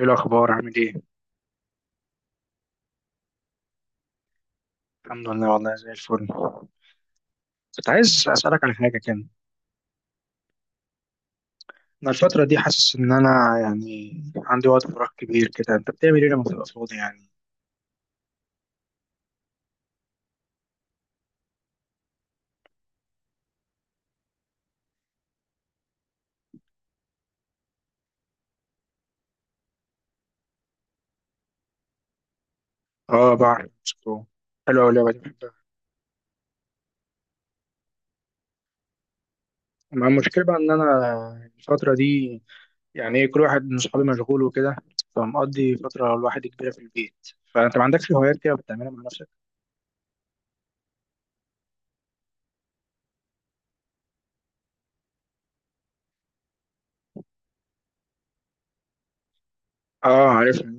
ايه الاخبار؟ عامل ايه؟ الحمد لله، والله زي الفل. كنت عايز اسالك على حاجه كده. انا الفتره دي حاسس ان انا يعني عندي وقت فراغ كبير كده. انت بتعمل ايه لما بتبقى فاضي يعني؟ اه، بعرف، شكرا. حلوه أوي اللعبه دي، بحبها. مع المشكله بقى ان انا الفتره دي. يعني إيه، كل واحد من صحابي مشغول وكده، فمقضي فتره لوحدي كبيره في البيت. فانت ما عندكش هوايات كده بتعملها مع نفسك؟ اه، عارفها.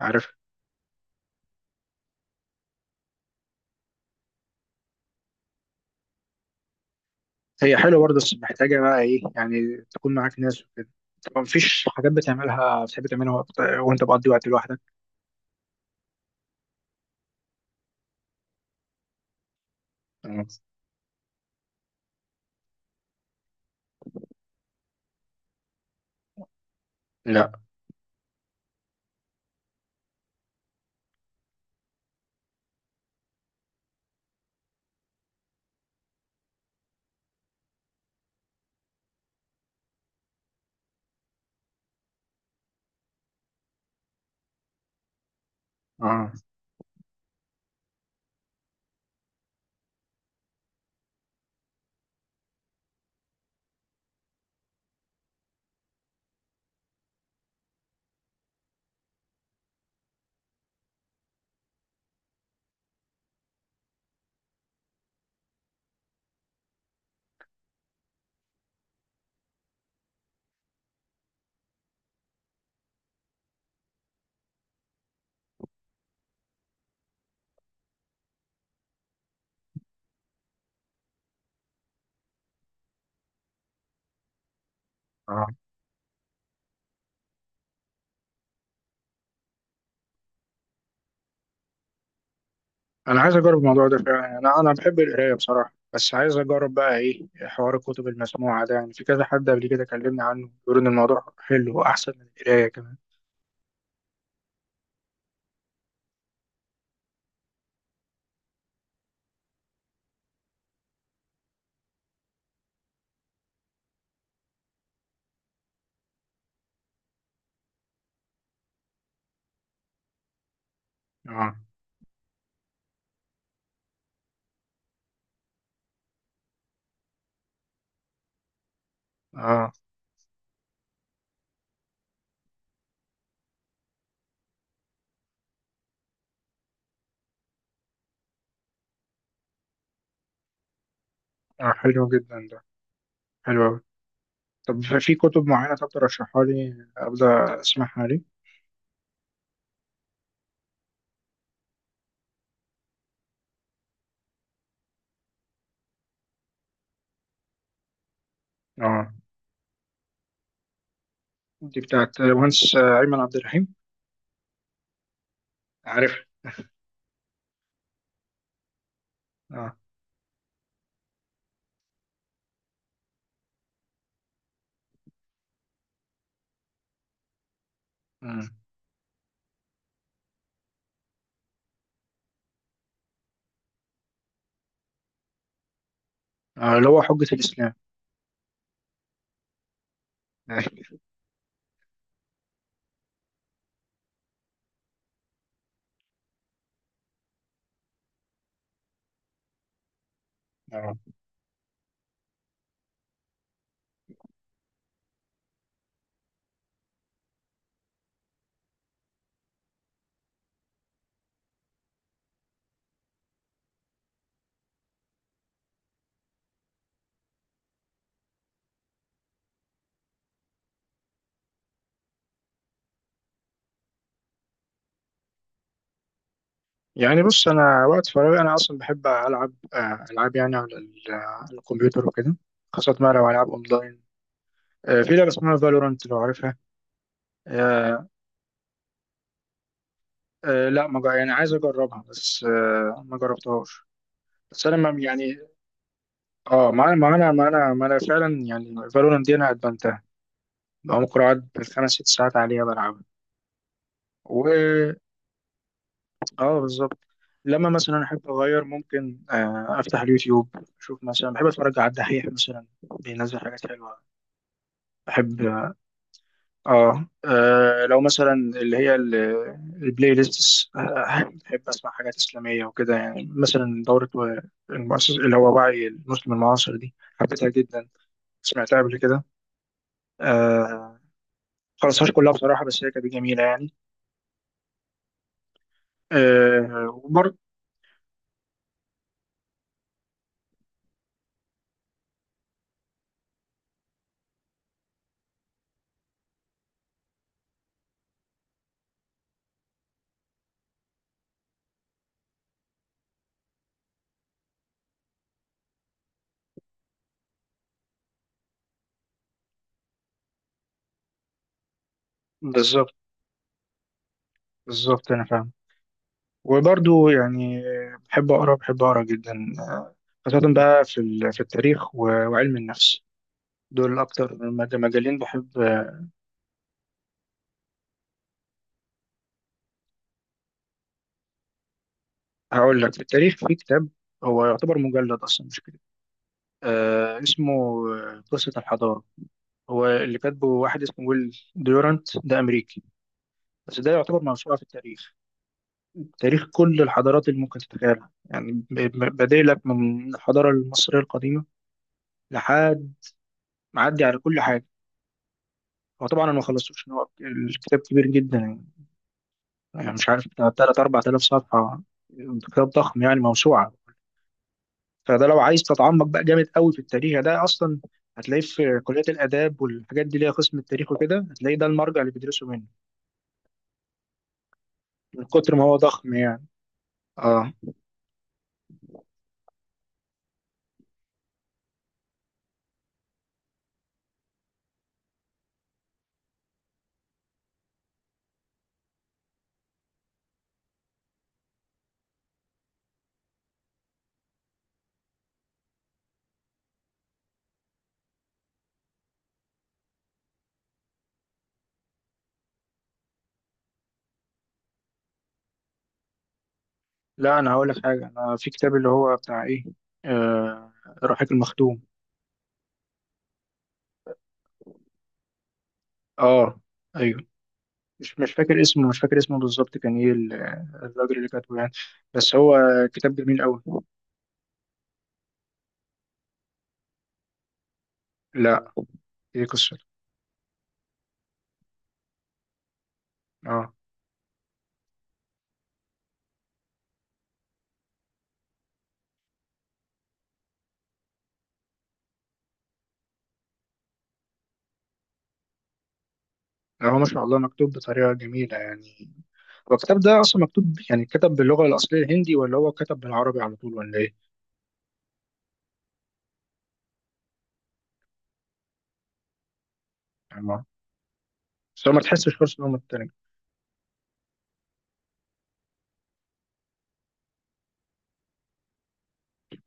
عارفها. هي حلوة برضه، بس محتاجة بقى إيه، يعني تكون معاك ناس وكده. طب مفيش حاجات بتعملها، بتحب تعملها وأنت بقضي وقت لوحدك؟ مم. لا. اه. اه. أنا عايز أجرب الموضوع ده فعلا، يعني أنا بحب القراية بصراحة، بس عايز أجرب بقى إيه حوار الكتب المسموعة ده، يعني في كذا حد قبل كده كلمني عنه بيقول إن الموضوع حلو وأحسن من القراية كمان. اه، اه. حلو جدا ده. حلو أوي. طب في كتب معينة، طب ترشحها لي أبدأ أسمعها لي؟ اه. دي بتاعت مهندس أيمن عبد الرحيم. عارف. اه. امم آه، اللي هو حجة الإسلام. اه. يعني بص، أنا وقت فراغي أنا أصلا بحب ألعب ألعاب، يعني على الكمبيوتر وكده، خاصة ما لو ألعاب أونلاين. في لعبة اسمها فالورانت، لو عارفها. آه. لا، ما جا- يعني عايز أجربها، بس ما جربتهاش. بس أنا ما يعني. اه، ما أنا فعلا يعني فالورانت دي أنا أدمنتها. بقى ممكن أقعد بالخمس ست ساعات عليها، بلعبها. اه، بالظبط. لما مثلا احب اغير، ممكن افتح اليوتيوب، اشوف مثلا، بحب اتفرج على الدحيح مثلا، بينزل حاجات حلوه، بحب. اه، لو مثلا اللي هي البلاي ليست، بحب اسمع حاجات اسلاميه وكده، يعني مثلا دوره المؤسس، اللي هو وعي المسلم المعاصر، دي حبيتها جدا، سمعتها قبل كده. آه. خلصهاش كلها بصراحه، بس هي كانت جميله يعني. وبرضه. بالظبط، بالظبط انا فاهم، وبرضو يعني، بحب أقرأ، بحب أقرأ جدا. آه، خاصة بقى في في التاريخ وعلم النفس، دول أكتر مجالين بحب. هقول لك، في التاريخ في كتاب هو يعتبر مجلد أصلا مش كتاب. اسمه قصة الحضارة. هو اللي كاتبه واحد اسمه ويل ديورانت، ده أمريكي، بس ده يعتبر موسوعة في التاريخ، تاريخ كل الحضارات اللي ممكن تتخيلها، يعني بادئ لك من الحضارة المصرية القديمة لحد، معدي على كل حاجة. هو طبعا انا ما خلصتوش، إن هو الكتاب كبير جدا يعني، يعني مش عارف بتاع 3 4000 صفحه، كتاب ضخم، يعني موسوعه. فده لو عايز تتعمق بقى جامد قوي في التاريخ، ده اصلا هتلاقيه في كليه الاداب، والحاجات دي ليها قسم التاريخ وكده، هتلاقيه ده المرجع اللي بيدرسوا منه، من كتر ما هو ضخم يعني. اه. لا، انا هقول لك حاجه، انا في كتاب اللي هو بتاع ايه، آه الرحيق المختوم. اه. ايوه. مش فاكر اسمه، مش فاكر اسمه بالظبط كان ايه الراجل اللي كاتبه يعني، بس هو كتاب جميل قوي. لا. يكسر. اه. يعني هو ما شاء الله مكتوب بطريقة جميلة يعني. هو الكتاب ده أصلا مكتوب، يعني كتب باللغة الأصلية الهندي، ولا هو كتب بالعربي على طول ولا إيه؟ يعني بس هو ما تحسش خالص إن هو مترجم.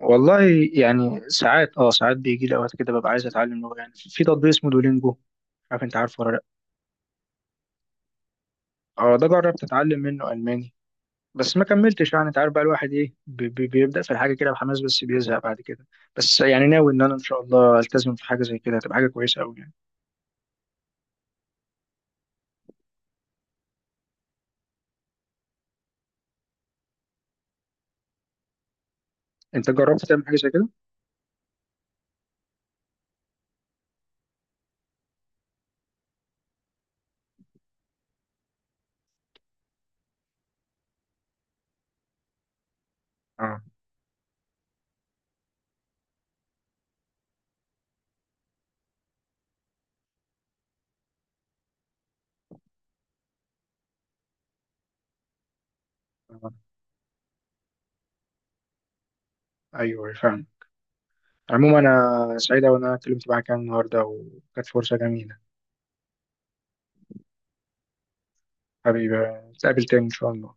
والله، يعني ساعات بيجي لي أوقات كده ببقى عايز أتعلم لغة. يعني في تطبيق اسمه دولينجو، عارف، أنت عارفه ولا لأ؟ اه، ده جربت أتعلم منه ألماني، بس ما كملتش. يعني أنت عارف بقى الواحد إيه، بيبدأ في الحاجة كده بحماس بس بيزهق بعد كده. بس يعني ناوي إن أنا إن شاء الله ألتزم في حاجة زي كده، هتبقى حاجة كويسة أوي يعني. أنت جربت تعمل حاجة زي كده؟ آه. آه، ايوه، أيوه، فاهم. عموما انا سعيد أوي ان انا اتكلمت معاك يعني النهارده، وكانت فرصه جميله. حبيبي، نتقابل تاني ان شاء الله.